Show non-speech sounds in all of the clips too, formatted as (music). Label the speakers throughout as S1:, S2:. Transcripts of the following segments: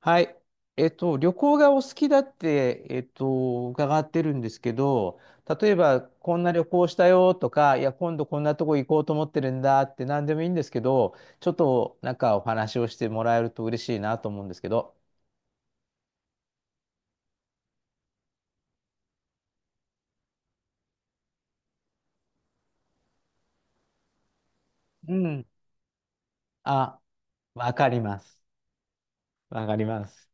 S1: はい。旅行がお好きだって、伺ってるんですけど、例えば、こんな旅行したよとか、いや、今度こんなとこ行こうと思ってるんだって何でもいいんですけど、ちょっとなんかお話をしてもらえると嬉しいなと思うんですけど。うん。あ、わかります。わかります。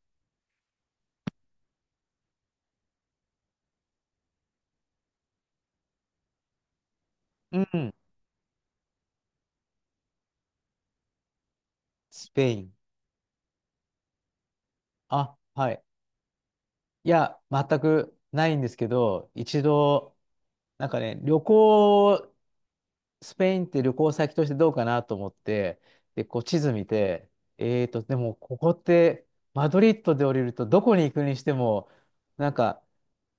S1: うん。スペイン。あ、はい。いや、全くないんですけど、一度、なんかね、スペインって旅行先としてどうかなと思って、で、こう地図見て、でもここって、マドリッドで降りるとどこに行くにしても、なんか、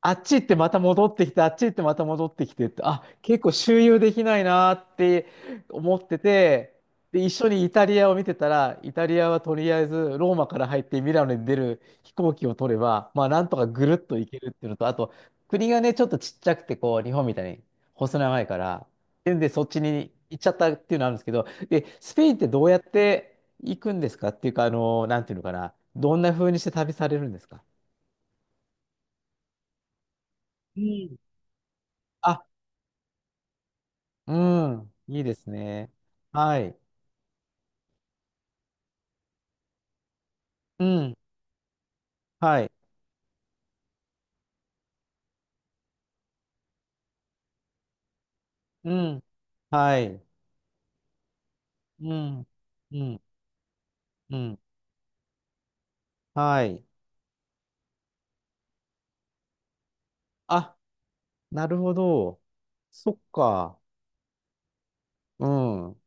S1: あっち行ってまた戻ってきて、あっち行ってまた戻ってきてって、あ、結構周遊できないなって思ってて、で、一緒にイタリアを見てたら、イタリアはとりあえずローマから入ってミラノに出る飛行機を取れば、まあなんとかぐるっと行けるっていうのと、あと国がね、ちょっとちっちゃくて、こう、日本みたいに細長いから、でそっちに行っちゃったっていうのあるんですけど、で、スペインってどうやって行くんですかっていうか、なんていうのかな、どんな風にして旅されるんですか？うん。あ、うん。いいですね。はい。うん。はい。うん。はい。うん。うん。うん。はい。あ、なるほど。そっか。うん。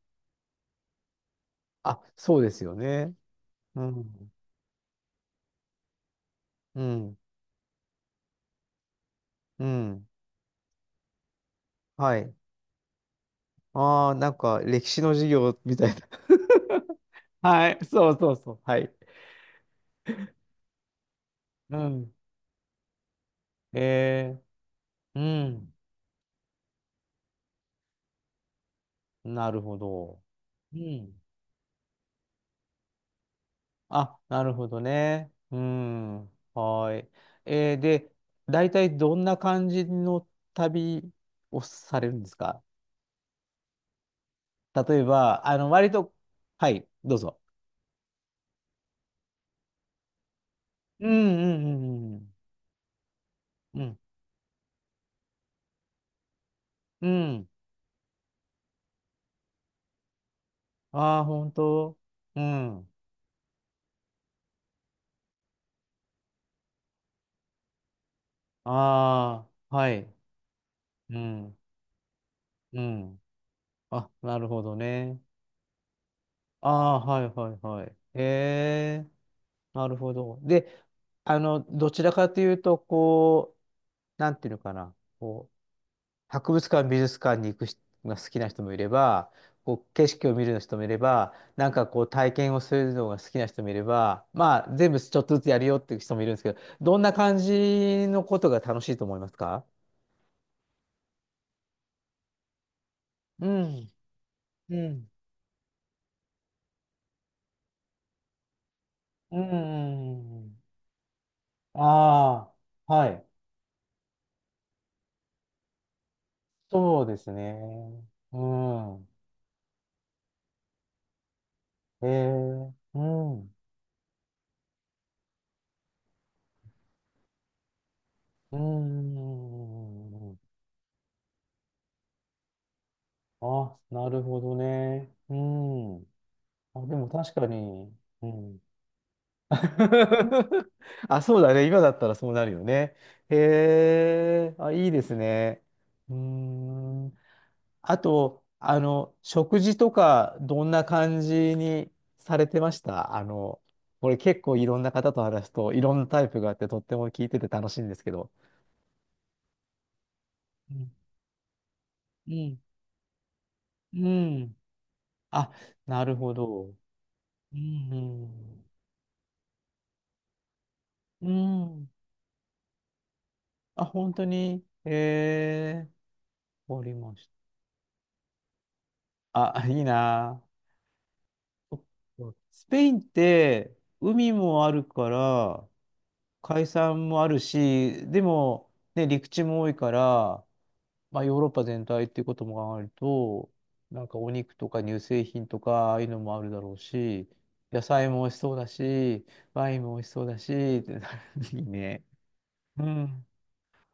S1: あ、そうですよね。うん。うん。うん。はい。ああ、なんか歴史の授業みたいな。(laughs) はい。そうそうそう。はい。うん。えー、うん。なるほど。うん。あ、なるほどね。うん。はい。で、大体どんな感じの旅をされるんですか？例えば、割と、はい、どうぞ。うんうんうんうん。うん。うん。ああ、本当うん。ああ、はい。うん。うん。あ、なるほどね。ああ、はいはいはい。へえ、なるほど。で、あの、どちらかというと、こう、なんていうのかな。こう博物館、美術館に行く人が好きな人もいれば、こう景色を見るの人もいれば、なんかこう体験をするのが好きな人もいれば、まあ全部ちょっとずつやるよっていう人もいるんですけど、どんな感じのことが楽しいと思いますか？うん、うん、うん。ああ、はい。そうですね。うん。ええ、うん、うん。あ、なるほどね。うん。あ、でも確かに、うん。(laughs) あ、そうだね。今だったらそうなるよね。へえ、あ、いいですね。うーん。あと、あの、食事とか、どんな感じにされてました？これ結構いろんな方と話すと、いろんなタイプがあって、とっても聞いてて楽しいんですけど。うん。うん。うんあ、なるほど。うん。うん。うんあ、本当に。ええ、わかりました。あ、いいな。スペインって海もあるから、海産もあるし、でも、ね、陸地も多いから、まあ、ヨーロッパ全体っていうことも考えると、なんかお肉とか乳製品とか、ああいうのもあるだろうし、野菜も美味しそうだし、ワインも美味しそうだし、って (laughs) いいね。うん。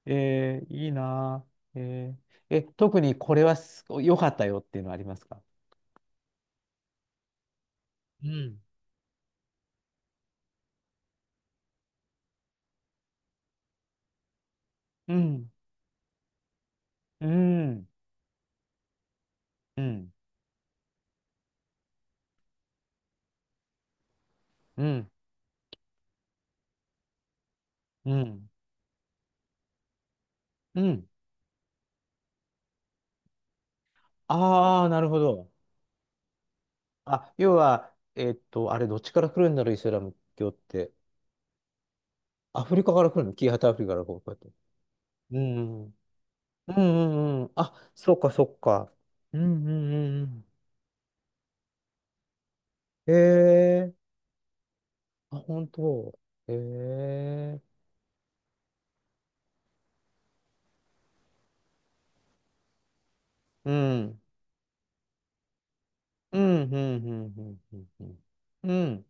S1: えー、いいなー。えー、え、特にこれはすご良かったよっていうのはありますか？うん。うん。うん。うん。うん。うん。うん。ああ、なるほど。あ、要は、あれ、どっちから来るんだろう、イスラム教って。アフリカから来るのキーハタアフリカからこう、こうやって。うん。うんうんうん。あ、そっかそっか。うんうんうんうん。へえ。あ、本当。へえ。うん。うんうんうんうんうんうん。うん。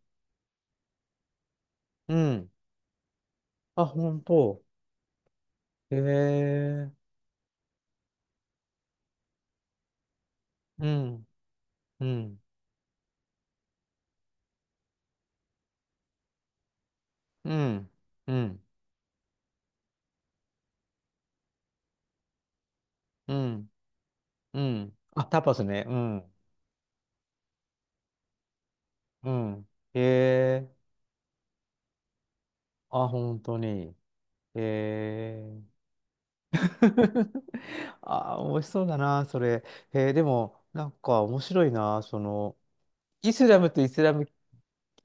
S1: うん。あ、本当。へえ。うん。うん。うん。うん。うん。うんうん。あ、タパスね。うん。うん。へえ。あ、本当に。へえ。(laughs) あ、美味しそうだな、それ。へえ、でも、なんか面白いな、その、イスラムとイスラム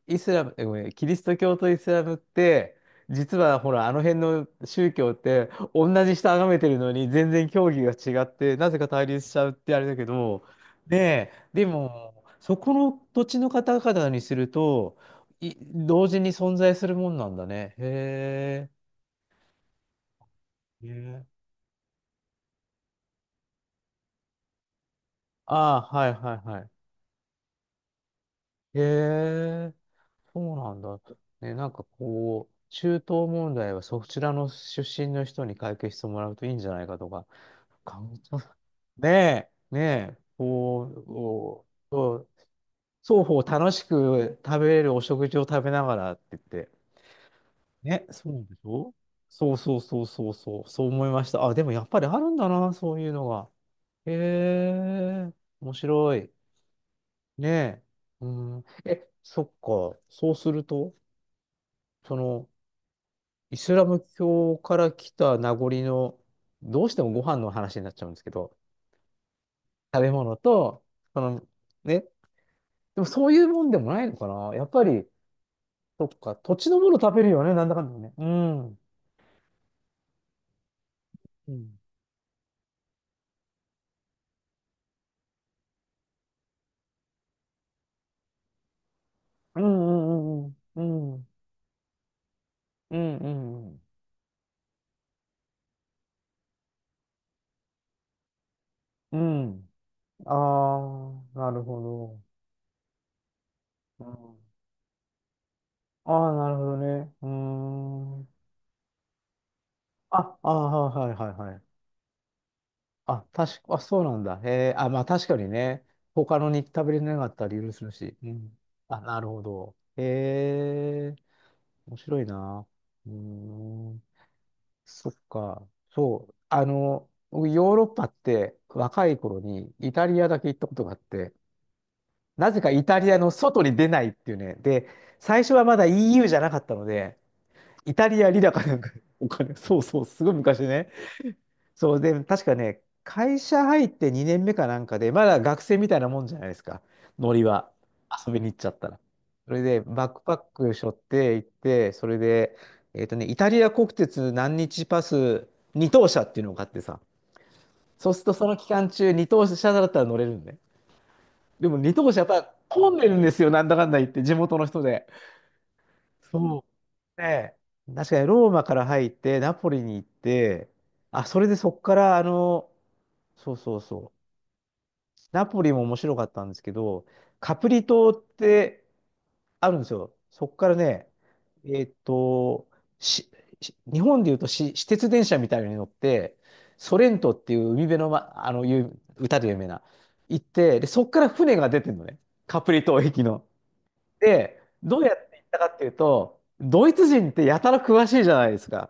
S1: イスラム、えごめん、キリスト教とイスラムって、実はほら、あの辺の宗教って、同じ下崇めてるのに、全然教義が違って、なぜか対立しちゃうってあれだけど、ねえ、でも、そこの土地の方々にすると、同時に存在するもんなんだね。へえ。へえああ、はいはいはい。へえ。そうなんだ。ね、なんかこう、中東問題はそちらの出身の人に解決してもらうといいんじゃないかとか感動ねえ、ねえ、こうそう双方楽しく食べれるお食事を食べながらって言って、ね、そうでしょそうそうそうそうそう、そう思いました。あ、でもやっぱりあるんだな、そういうのが。へえ、面白い。ねえ、うん。え、そっか、そうすると、その、イスラム教から来た名残の、どうしてもご飯の話になっちゃうんですけど、食べ物と、その、ね、でもそういうもんでもないのかな。やっぱり、そっか、土地のもの食べるよね、なんだかんだね。うん。うん。うんうんうんうん。うんうんうん。うん。ああ、なるほど。うん、ああ、なるほどね。うーん。あ、ああ、はいはいはい。あ、確か、あ、そうなんだ。へえ、あ、まあ確かにね。他の肉食べれなかったり許するし。うん。あ、なるほど。へえ、面白いな。うーん。そっか。そう。あの、僕ヨーロッパって若い頃にイタリアだけ行ったことがあって、なぜかイタリアの外に出ないっていうね。で、最初はまだ EU じゃなかったので、イタリアリラかなんか (laughs)、お金、そうそう、すごい昔ね。そうで、確かね、会社入って2年目かなんかで、まだ学生みたいなもんじゃないですか、ノリは。遊びに行っちゃったら。それで、バックパック背負って行って、それで、イタリア国鉄何日パス二等車っていうのがあってさ、そうするとその期間中二等車だったら乗れるんで、でも二等車やっぱ混んでるんですよ、なんだかんだ言って、地元の人で。そう。ねえ、確かにローマから入って、ナポリに行って、あ、それでそっから、そうそうそう。ナポリも面白かったんですけど、カプリ島ってあるんですよ。そこからね、えーっと、し、日本でいうと私鉄電車みたいに乗って、ソレントっていう海辺の、ま、有歌で有名な、行って、で、そこから船が出てるのね。カプリ島駅の。で、どうやって行ったかっていうと、ドイツ人ってやたら詳しいじゃないですか。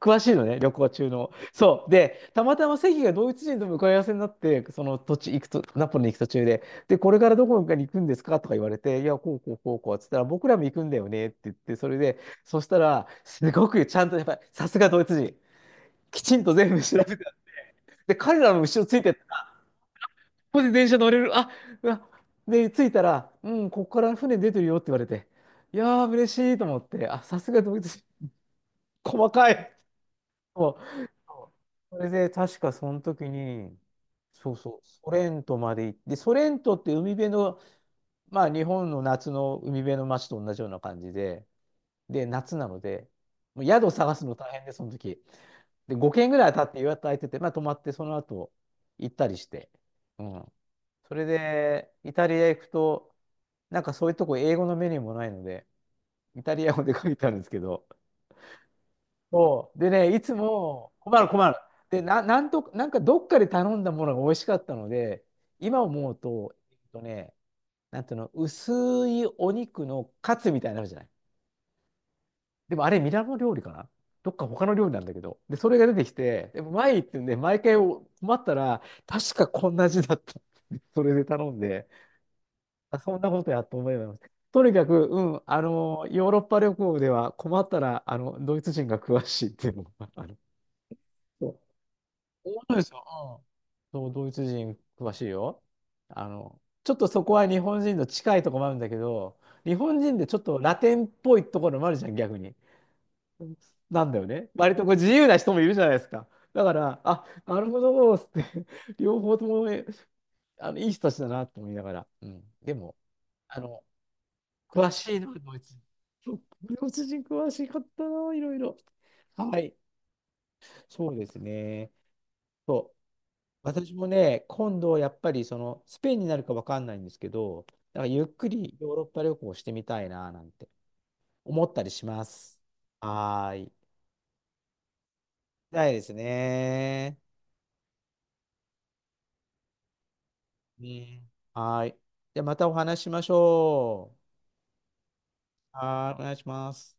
S1: 詳しいのね、旅行中の。そう。で、たまたま席がドイツ人と向かい合わせになって、その土地行くと、ナポリに行く途中で、で、これからどこかに行くんですかとか言われて、いや、こうこうこうこう、つったら、僕らも行くんだよねって言って、それで、そしたら、すごくちゃんと、やっぱり、さすがドイツ人、きちんと全部調べて、で、彼らの後ろついてったら、ここで電車乗れる、あ、うわで、着いたら、うん、ここから船出てるよって言われて、いやー、嬉しいと思って、あ、さすがドイツ人、細かい。そう。そうそれで、確かその時に、そうそう、ソレントまで行って、ソレントって海辺の、まあ日本の夏の海辺の街と同じような感じで、で、夏なので、もう宿探すの大変で、その時。で、5軒ぐらい当たって予約空いてて、まあ泊まって、その後行ったりして。うん。それで、イタリア行くと、なんかそういうとこ英語のメニューもないので、イタリア語で書いてあるんですけど、そう。でね、いつも困る困る。で、なんかどっかで頼んだものが美味しかったので、今思うと、なんていうの、薄いお肉のカツみたいなのあるじゃない。でもあれ、ミラノ料理かなどっか他の料理なんだけど。で、それが出てきて、でも前行ってんで、毎回困ったら、確かこんな味だった。(laughs) それで頼んで、あ、そんなことやと思います。とにかく、うん、ヨーロッパ旅行では困ったら、ドイツ人が詳しいっていうのが、本当ですよ。うん。そう、ドイツ人詳しいよ。ちょっとそこは日本人と近いところもあるんだけど、日本人でちょっとラテンっぽいところもあるじゃん、逆に。なんだよね。割とこう自由な人もいるじゃないですか。だから、あ、なるほど、つって、(laughs) 両方ともね、いい人たちだなと思いながら。うん。でも、あの、詳しいのはドイツ人。そう、ドイツ人詳しかったな、いろいろ。はい。そうですね。そう私もね、今度やっぱりそのスペインになるかわかんないんですけど、なんかゆっくりヨーロッパ旅行をしてみたいななんて思ったりします。はーい。たいですね。ね。はーい。じゃあまたお話ししましょう。はーい、お願いします。